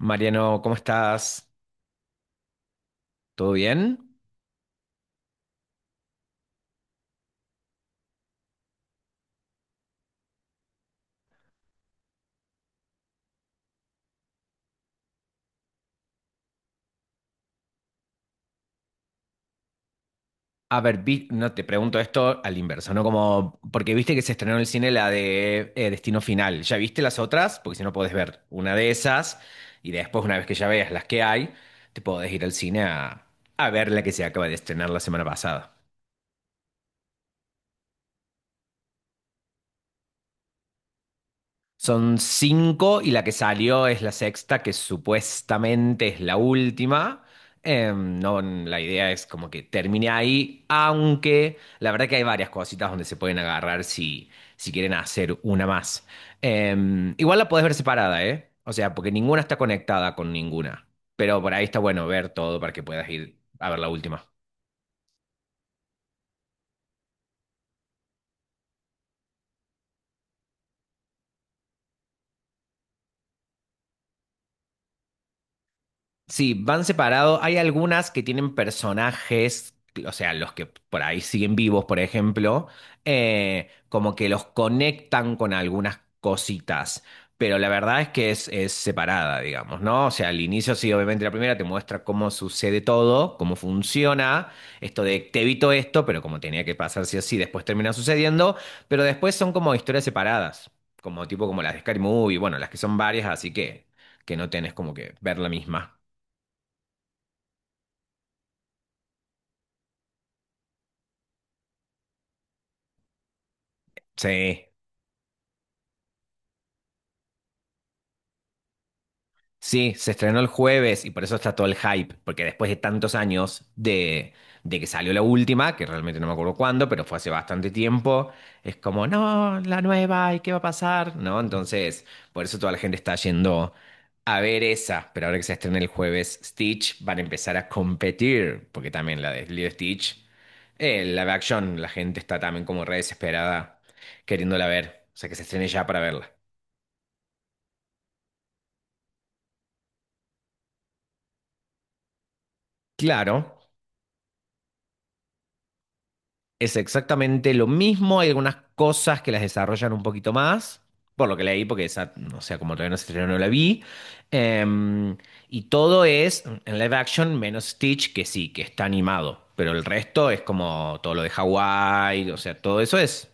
Mariano, ¿cómo estás? ¿Todo bien? A ver, no te pregunto esto al inverso, ¿no? Como, porque viste que se estrenó en el cine la de Destino Final. ¿Ya viste las otras? Porque si no podés ver una de esas y después, una vez que ya veas las que hay, te podés ir al cine a ver la que se acaba de estrenar la semana pasada. Son cinco y la que salió es la sexta, que supuestamente es la última. No, la idea es como que termine ahí, aunque la verdad que hay varias cositas donde se pueden agarrar si quieren hacer una más. Igual la podés ver separada, ¿eh? O sea, porque ninguna está conectada con ninguna. Pero por ahí está bueno ver todo para que puedas ir a ver la última. Sí, van separados. Hay algunas que tienen personajes, o sea, los que por ahí siguen vivos, por ejemplo, como que los conectan con algunas cositas. Pero la verdad es que es separada, digamos, ¿no? O sea, al inicio sí, obviamente la primera te muestra cómo sucede todo, cómo funciona, esto de te evito esto, pero como tenía que pasar sí o sí. Después termina sucediendo, pero después son como historias separadas, como tipo como las de Scary Movie, bueno, las que son varias, así que no tenés como que ver la misma. Sí, sí, se estrenó el jueves y por eso está todo el hype, porque después de tantos años de que salió la última, que realmente no me acuerdo cuándo, pero fue hace bastante tiempo, es como, no, la nueva, ¿y qué va a pasar? ¿No? Entonces, por eso toda la gente está yendo a ver esa, pero ahora que se estrena el jueves Stitch, van a empezar a competir, porque también la de Lilo y Stitch, live action, la gente está también como re desesperada queriéndola ver, o sea que se estrene ya para verla. Claro. Es exactamente lo mismo, hay algunas cosas que las desarrollan un poquito más, por lo que leí, porque esa, o sea, como todavía no se estrenó, no la vi. Em, y todo es en live action, menos Stitch, que sí, que está animado, pero el resto es como todo lo de Hawái, o sea, todo eso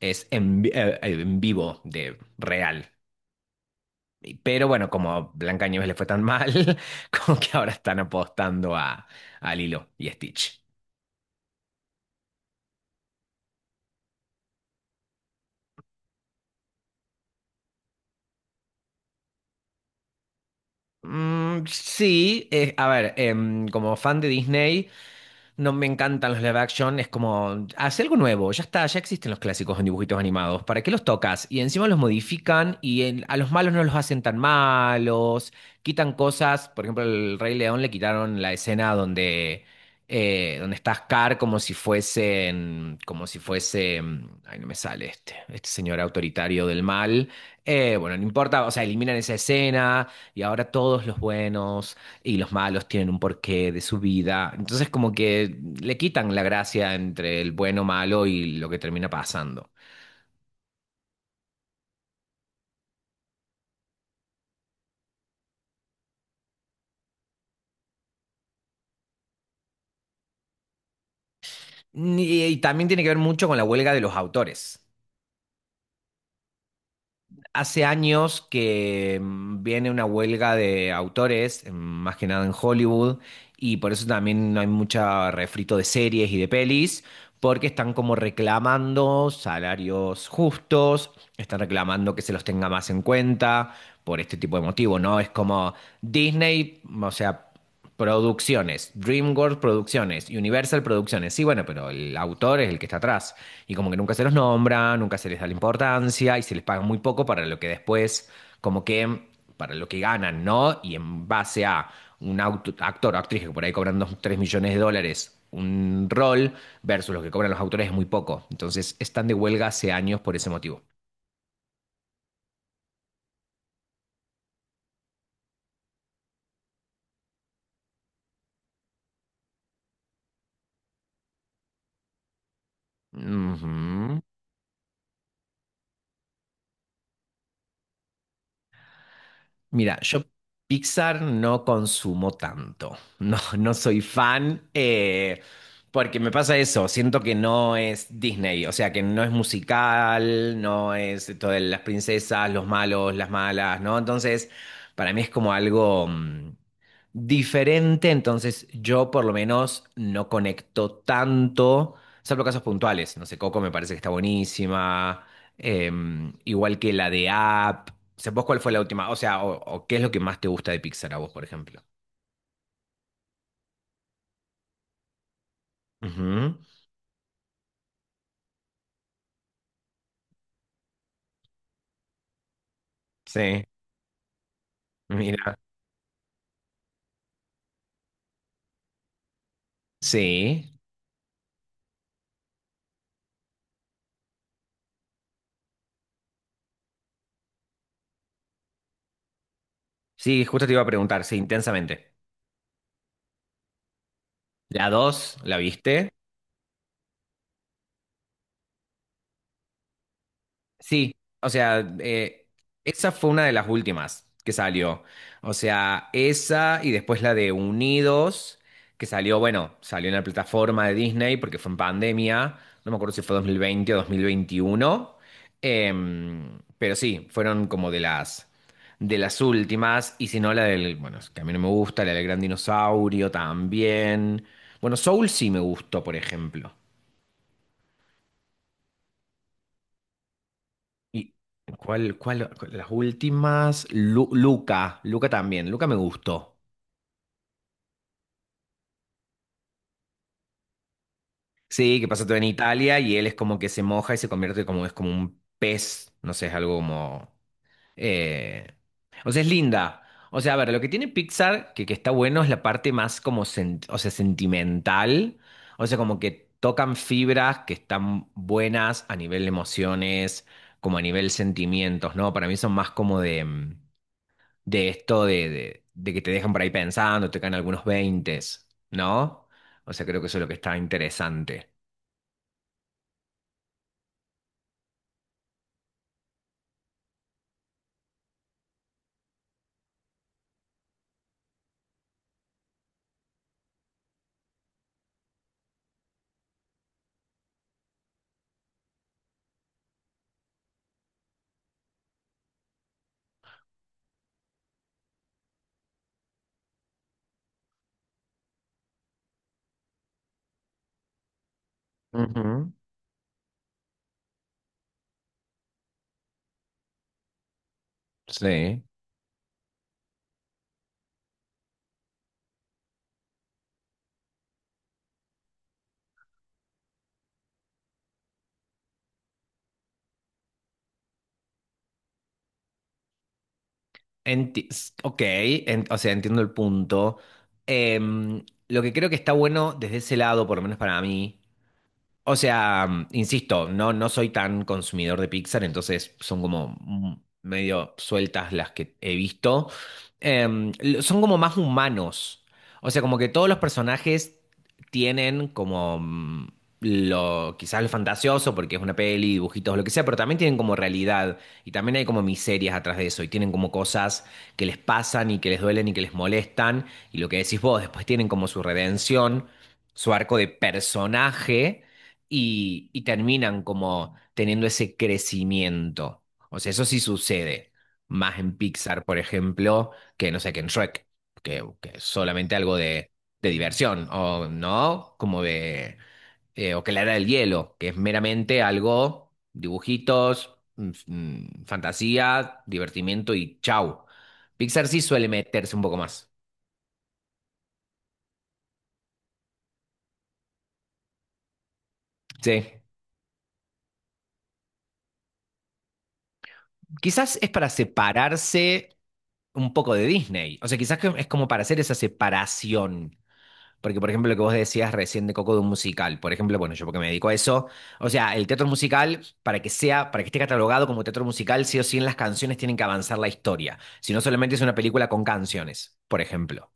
es en vivo, de real. Pero bueno, como Blancanieves le fue tan mal, como que ahora están apostando a Lilo y Stitch. Sí, a ver, como fan de Disney, no me encantan los live action, es como, hace algo nuevo, ya está, ya existen los clásicos en dibujitos animados, ¿para qué los tocas? Y encima los modifican y a los malos no los hacen tan malos, quitan cosas, por ejemplo, el Rey León le quitaron la escena donde está Scar como si fuesen, como si fuese, ay, no me sale este señor autoritario del mal. Bueno, no importa, o sea, eliminan esa escena y ahora todos los buenos y los malos tienen un porqué de su vida. Entonces como que le quitan la gracia entre el bueno, malo y lo que termina pasando. Y también tiene que ver mucho con la huelga de los autores. Hace años que viene una huelga de autores, más que nada en Hollywood, y por eso también no hay mucho refrito de series y de pelis. Porque están como reclamando salarios justos, están reclamando que se los tenga más en cuenta por este tipo de motivo, ¿no? Es como Disney, o sea, producciones, DreamWorks producciones, Universal producciones, sí, bueno, pero el autor es el que está atrás y como que nunca se los nombra, nunca se les da la importancia y se les paga muy poco para lo que después como que para lo que ganan, ¿no? Y en base a actor o actriz que por ahí cobran 2 3 millones de dólares un rol versus lo que cobran los autores es muy poco. Entonces están de huelga hace años por ese motivo. Ujú. Mira, yo Pixar no consumo tanto, no, no soy fan, porque me pasa eso, siento que no es Disney, o sea, que no es musical, no es todo de las princesas, los malos, las malas, ¿no? Entonces, para mí es como algo diferente, entonces yo por lo menos no conecto tanto, salvo casos puntuales, no sé, Coco me parece que está buenísima, eh, igual que la de App. ¿Sé vos cuál fue la última? O sea, o qué es lo que más te gusta de Pixar a vos, por ejemplo. Ujú, sí, mira. Sí. Sí, justo te iba a preguntar, sí, intensamente. ¿La 2, la viste? Sí, o sea, esa fue una de las últimas que salió. O sea, esa y después la de Unidos, que salió, bueno, salió en la plataforma de Disney porque fue en pandemia, no me acuerdo si fue 2020 o 2021, pero sí, fueron como de las últimas, y si no la del, bueno, es que a mí no me gusta, la del Gran Dinosaurio también. Bueno, Soul sí me gustó, por ejemplo. ¿Y las últimas? Luca, Luca también, Luca me gustó. Sí, que pasa todo en Italia y él es como que se moja y se convierte como, es como un pez, no sé, es algo como... eh, O sea, es linda. O sea, a ver, lo que tiene Pixar, que está bueno, es la parte más como, o sea, sentimental. O sea, como que tocan fibras que están buenas a nivel emociones, como a nivel sentimientos, ¿no? Para mí son más como de... de esto de, de que te dejan por ahí pensando, te caen algunos veintes, ¿no? O sea, creo que eso es lo que está interesante. Ujú. Sí. Ok, o sea, entiendo el punto. Lo que creo que está bueno desde ese lado, por lo menos para mí. O sea, insisto, no, no soy tan consumidor de Pixar, entonces son como medio sueltas las que he visto. Son como más humanos. O sea, como que todos los personajes tienen como lo, quizás lo fantasioso, porque es una peli, dibujitos, lo que sea, pero también tienen como realidad y también hay como miserias atrás de eso y tienen como cosas que les pasan y que les duelen y que les molestan y lo que decís vos, después tienen como su redención, su arco de personaje y terminan como teniendo ese crecimiento. O sea, eso sí sucede, más en Pixar, por ejemplo, que no sé, que en Shrek, que es solamente algo de diversión, o no, como de, o que la era del hielo, que es meramente algo, dibujitos, fantasía, divertimiento y chau. Pixar sí suele meterse un poco más. Sí. Quizás es para separarse un poco de Disney. O sea, quizás que es como para hacer esa separación. Porque, por ejemplo, lo que vos decías recién de Coco de un musical, por ejemplo, bueno, yo porque me dedico a eso, o sea, el teatro musical, para que sea, para que esté catalogado como teatro musical, sí o sí en las canciones tienen que avanzar la historia, si no solamente es una película con canciones, por ejemplo.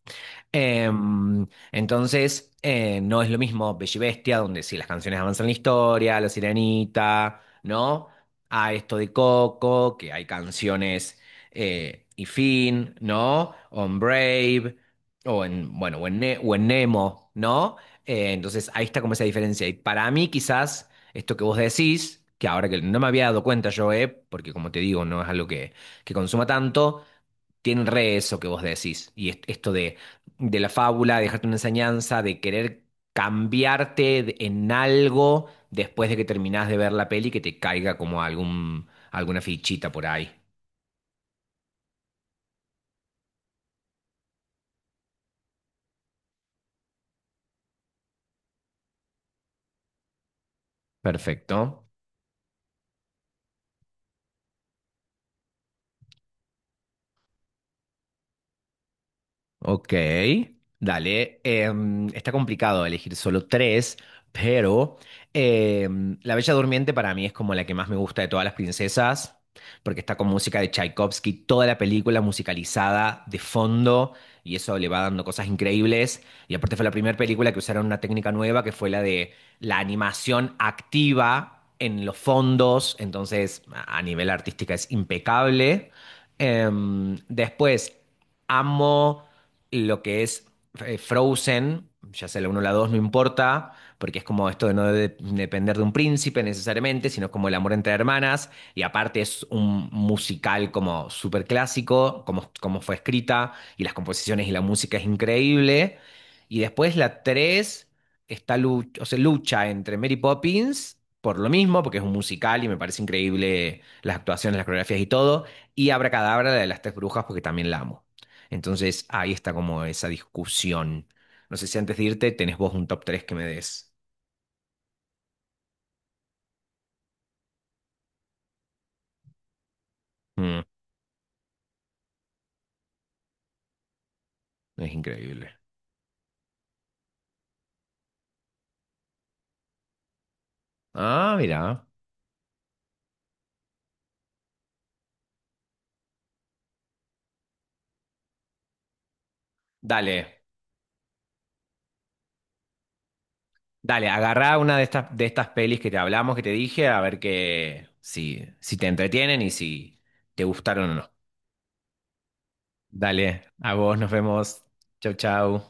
Em, entonces, no es lo mismo Bella y Bestia, donde sí las canciones avanzan la historia, La Sirenita, ¿no? A esto de Coco, que hay canciones y fin, ¿no? O en Brave, o en, bueno, o en, o en Nemo, ¿no? Entonces, ahí está como esa diferencia. Y para mí, quizás, esto que vos decís, que ahora que no me había dado cuenta yo, porque como te digo, no es algo que consuma tanto tienen re eso que vos decís. Y esto de la fábula, de dejarte una enseñanza, de querer cambiarte en algo después de que terminás de ver la peli, que te caiga como algún, alguna fichita por ahí. Perfecto. Ok, dale. Está complicado elegir solo tres, pero La Bella Durmiente para mí es como la que más me gusta de todas las princesas, porque está con música de Tchaikovsky, toda la película musicalizada de fondo, y eso le va dando cosas increíbles. Y aparte fue la primera película que usaron una técnica nueva, que fue la de la animación activa en los fondos, entonces a nivel artística es impecable. Después, amo lo que es Frozen, ya sea la uno o la 2 no importa, porque es como esto de no depender de un príncipe necesariamente, sino como el amor entre hermanas, y aparte es un musical como súper clásico, como, como fue escrita, y las composiciones y la música es increíble. Y después la 3 está o sea, lucha entre Mary Poppins. Por lo mismo, porque es un musical y me parece increíble las actuaciones, las coreografías y todo. Y Abracadabra, la de las tres brujas, porque también la amo. Entonces ahí está como esa discusión. No sé si antes de irte tenés vos un top 3 que me des. Mm, es increíble. Ah, mira. Dale, dale, agarrá una de estas pelis que te hablamos, que te dije, a ver que, si te entretienen y si te gustaron o no. Dale, a vos, nos vemos. Chau, chau.